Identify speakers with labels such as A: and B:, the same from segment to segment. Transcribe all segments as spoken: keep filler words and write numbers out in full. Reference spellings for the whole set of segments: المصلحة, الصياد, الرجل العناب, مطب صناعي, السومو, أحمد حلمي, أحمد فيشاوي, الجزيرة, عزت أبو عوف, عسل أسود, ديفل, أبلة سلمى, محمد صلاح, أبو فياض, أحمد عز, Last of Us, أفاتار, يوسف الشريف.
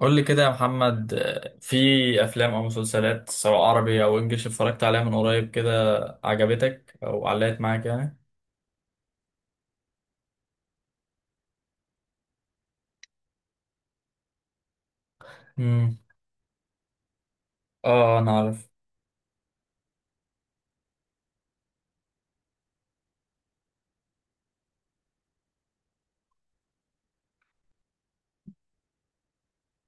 A: قول لي كده يا محمد، آه، في افلام او مسلسلات سواء عربي او انجليش اتفرجت عليها من قريب كده عجبتك او علقت معاك يعني؟ امم. اه، انا عارف.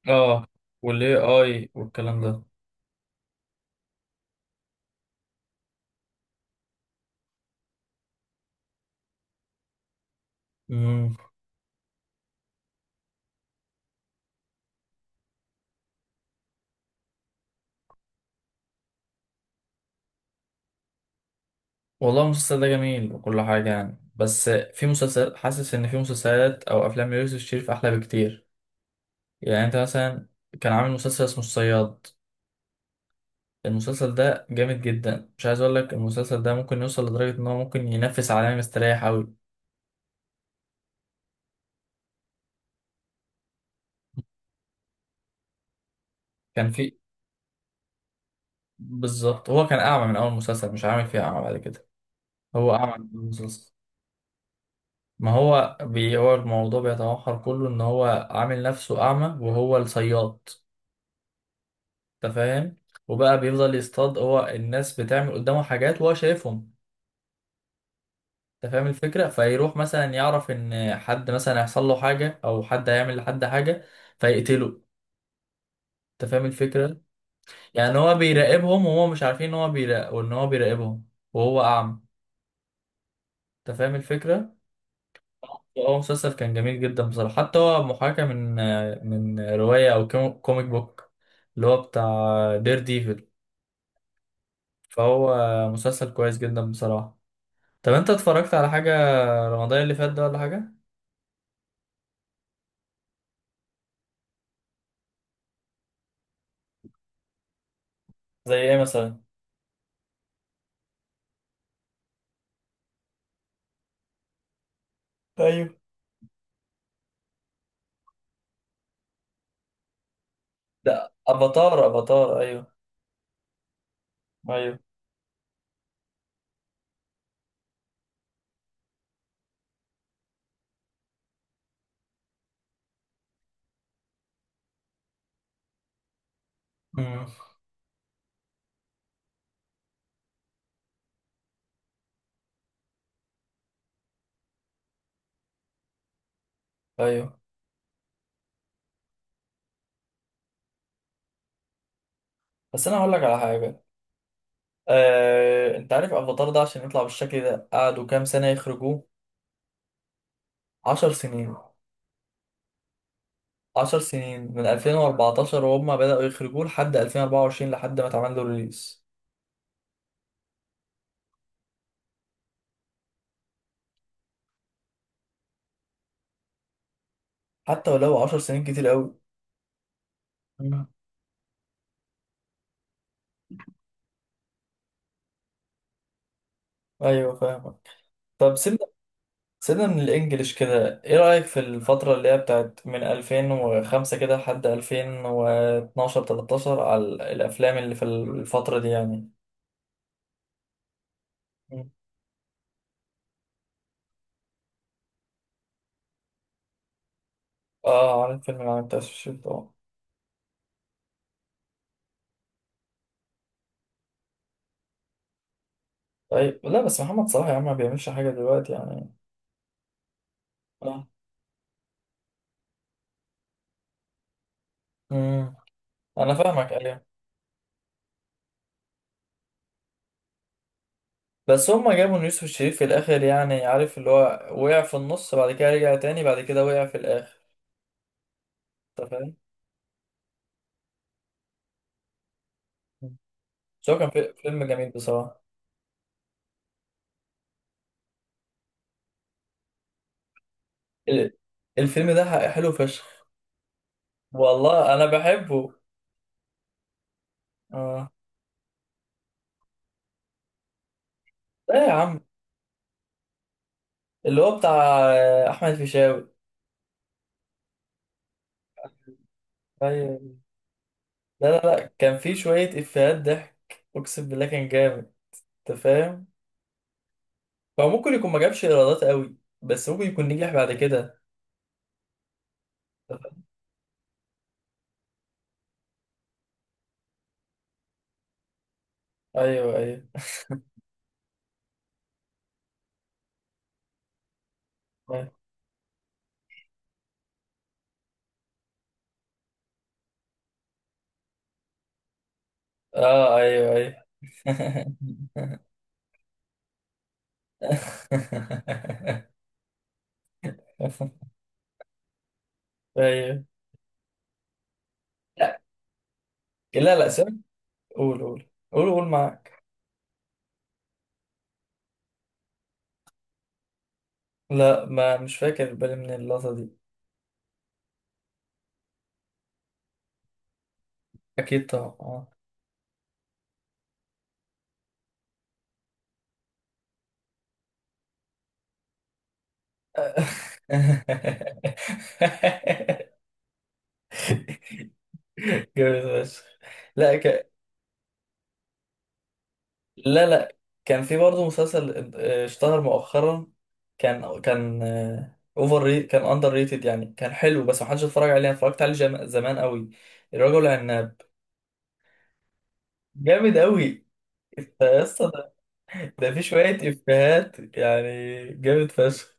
A: اه، والاي اي والكلام ده. امم. والله المسلسل ده جميل وكل حاجه يعني، بس في مسلسل حاسس ان في مسلسلات او افلام ليوسف الشريف احلى بكتير. يعني انت مثلا كان عامل مسلسل اسمه الصياد. المسلسل ده جامد جدا، مش عايز اقول لك المسلسل ده ممكن يوصل لدرجه ان هو ممكن ينافس عالمي، مستريح قوي. كان في بالظبط هو كان أعمى من أول مسلسل، مش عامل فيها أعمى بعد كده. هو أعمى من أول مسلسل. ما هو بي هو الموضوع بيتمحور كله إن هو عامل نفسه أعمى وهو الصياد. أنت فاهم؟ وبقى بيفضل يصطاد، هو الناس بتعمل قدامه حاجات وهو شايفهم. أنت فاهم الفكرة؟ فيروح مثلا يعرف إن حد مثلا هيحصل له حاجة أو حد هيعمل لحد حاجة، فيقتله. أنت فاهم الفكرة؟ يعني هو بيراقبهم وهو مش عارفين إن هو بيراقب وإن هو بيراقبهم وهو أعمى. أنت فاهم الفكرة؟ هو مسلسل كان جميل جدا بصراحة، حتى هو محاكاة من من رواية أو كوم- كوميك بوك اللي هو بتاع دير ديفل. فهو مسلسل كويس جدا بصراحة. طب أنت اتفرجت على حاجة رمضان اللي فات ده ولا حاجة؟ زي إيه مثلا؟ ايوه. لا، أفاتار، أفاتار، أيوه. أيوه. امم. أيوه. بس أنا هقول لك على حاجة. آه، أنت عارف أفاتار ده عشان يطلع بالشكل ده قعدوا كام سنة يخرجوه؟ عشر سنين. عشر سنين من ألفين وأربعتاشر وهم بدأوا يخرجوه لحد ألفين وأربعة وعشرين لحد ما اتعمل له ريليس. حتى ولو عشر سنين كتير قوي. مم. ايوه فاهمك. طب سيبنا. سيبنا من الانجليش كده، ايه رأيك في الفترة اللي هي بتاعت من ألفين وخمسة كده لحد ألفين واتناشر، تلتاشر، على الافلام اللي في الفترة دي يعني؟ مم. اه، عارف فيلم العالم بتاع الشيخ طبعا. طيب، لا بس محمد صلاح يا عم ما بيعملش حاجة دلوقتي يعني. اه. امم. انا فاهمك، ايوه. بس هما جابوا إن يوسف الشريف في الاخر يعني، عارف اللي هو وقع في النص بعد كده رجع تاني بعد كده وقع في الاخر، انت فاهم. بس هو كان في- فيلم جميل بصراحة. ال- الفيلم ده حق- حلو فشخ. والله انا بحبه. اه. ده يا عم اللي هو بتاع آه، احمد فيشاوي. أيوة. لا، لا، لا، كان في شوية افيهات ضحك. اقسم بالله كان جامد، انت فاهم. هو ممكن يكون ما جابش ايرادات قوي، بس ممكن يكون نجح بعد كده. ايوه، ايوه. اه، ايوه، ايوه. ايوه. لا، لا، لا، سيبك. قول، قول. قول، قول معاك. لا، ما مش فاكر بالي من اللقطة دي. اكيد طبعا. آه. جامد فشخ. لا ك... لا، لا، كان في برضه مسلسل آه، اشتهر مؤخرا. كان كان اوفر ري... كان اندر ريتد يعني، كان حلو بس محدش اتفرج عليه. أنا اتفرجت عليه جم... زمان قوي. الرجل العناب. جامد قوي. انت يا اسطى، ده في شوية إفيهات يعني، جامد فشخ.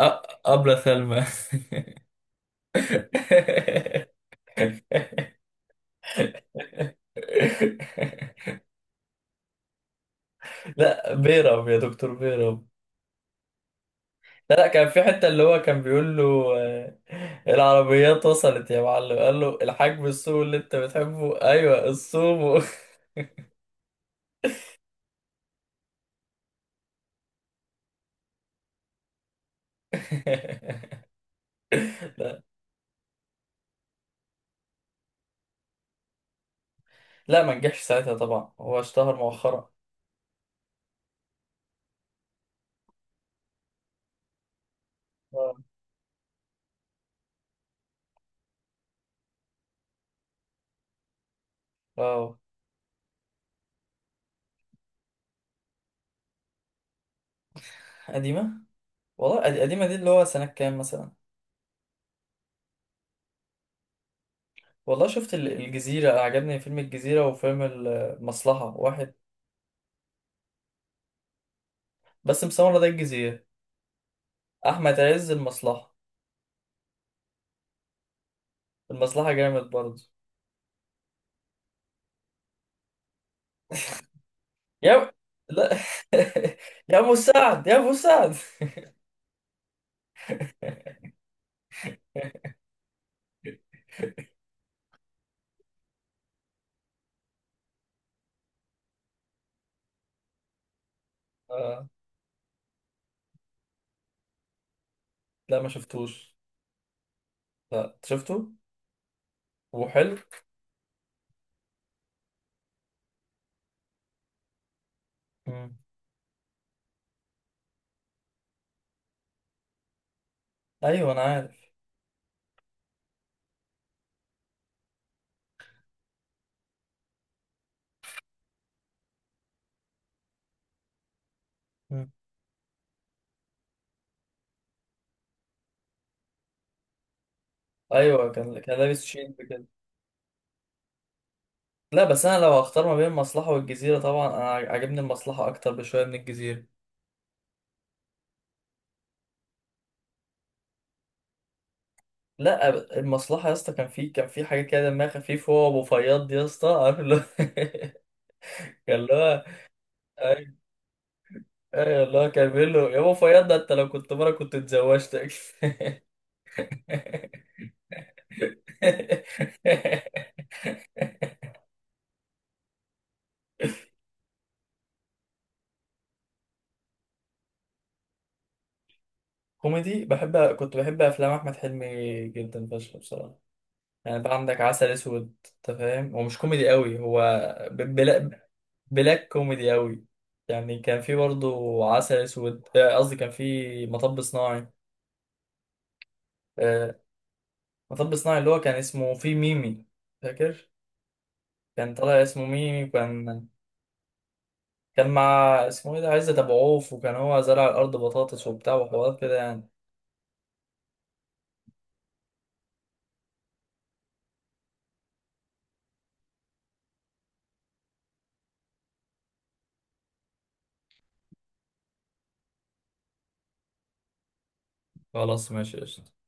A: أ- أبلة سلمى. لا، بيرم يا دكتور بيرم. لا، لا، كان في حتة اللي هو كان بيقول له آه، العربيات وصلت يا معلم، قال له الحجم السوق اللي انت بتحبه، ايوه السومو. لا، لا، ما نجحش ساعتها طبعا، هو اشتهر مؤخرا. اه. آه. قديمة. والله قد- قديمة دي اللي هو سنة كام مثلا؟ والله شفت ال- الجزيرة، عجبني فيلم الجزيرة وفيلم المصلحة واحد. بس مسمرة ده الجزيرة، أحمد عز المصلحة. المصلحة جامد برضه. يا لا. يا أبو سعد، يا أبو سعد. آه. لا ما شفتوش. لا، أنت شفته. وحلو. مم. أيوه، أنا عارف. مم. أيوه، كان كان لابس شيد كده. لا، بس أنا لو هختار ما بين المصلحة والجزيرة، طبعا أنا عاجبني المصلحة أكتر بشوية من الجزيرة. لا، المصلحة يا اسطى، كان في كان في حاجة كده دمها خفيف، هو وأبو فياض. يا اسطى، عارف اللي هو. كان اللي هو، أيوة. أيوة، اللي هو كان بيقول له يا أبو فياض، ده أنت لو كنت مرة كنت اتزوجتك. كوميدي بحب. كنت بحب أفلام أحمد حلمي جدا فشخ بصراحة. يعني بقى عندك عسل أسود، أنت فاهم، هو مش كوميدي قوي هو. ب- بلا بلاك كوميدي قوي. يعني كان في برضه عسل أسود، آه، قصدي كان في مطب صناعي. آه، مطب صناعي اللي هو كان اسمه في ميمي، فاكر؟ كان طالع اسمه ميمي. وكان كان مع اسمه ايه ده عزت ابو عوف، وكان هو زرع الارض بطاطس وبتاع وحوارات كده يعني. خلاص، ماشي، قشطة.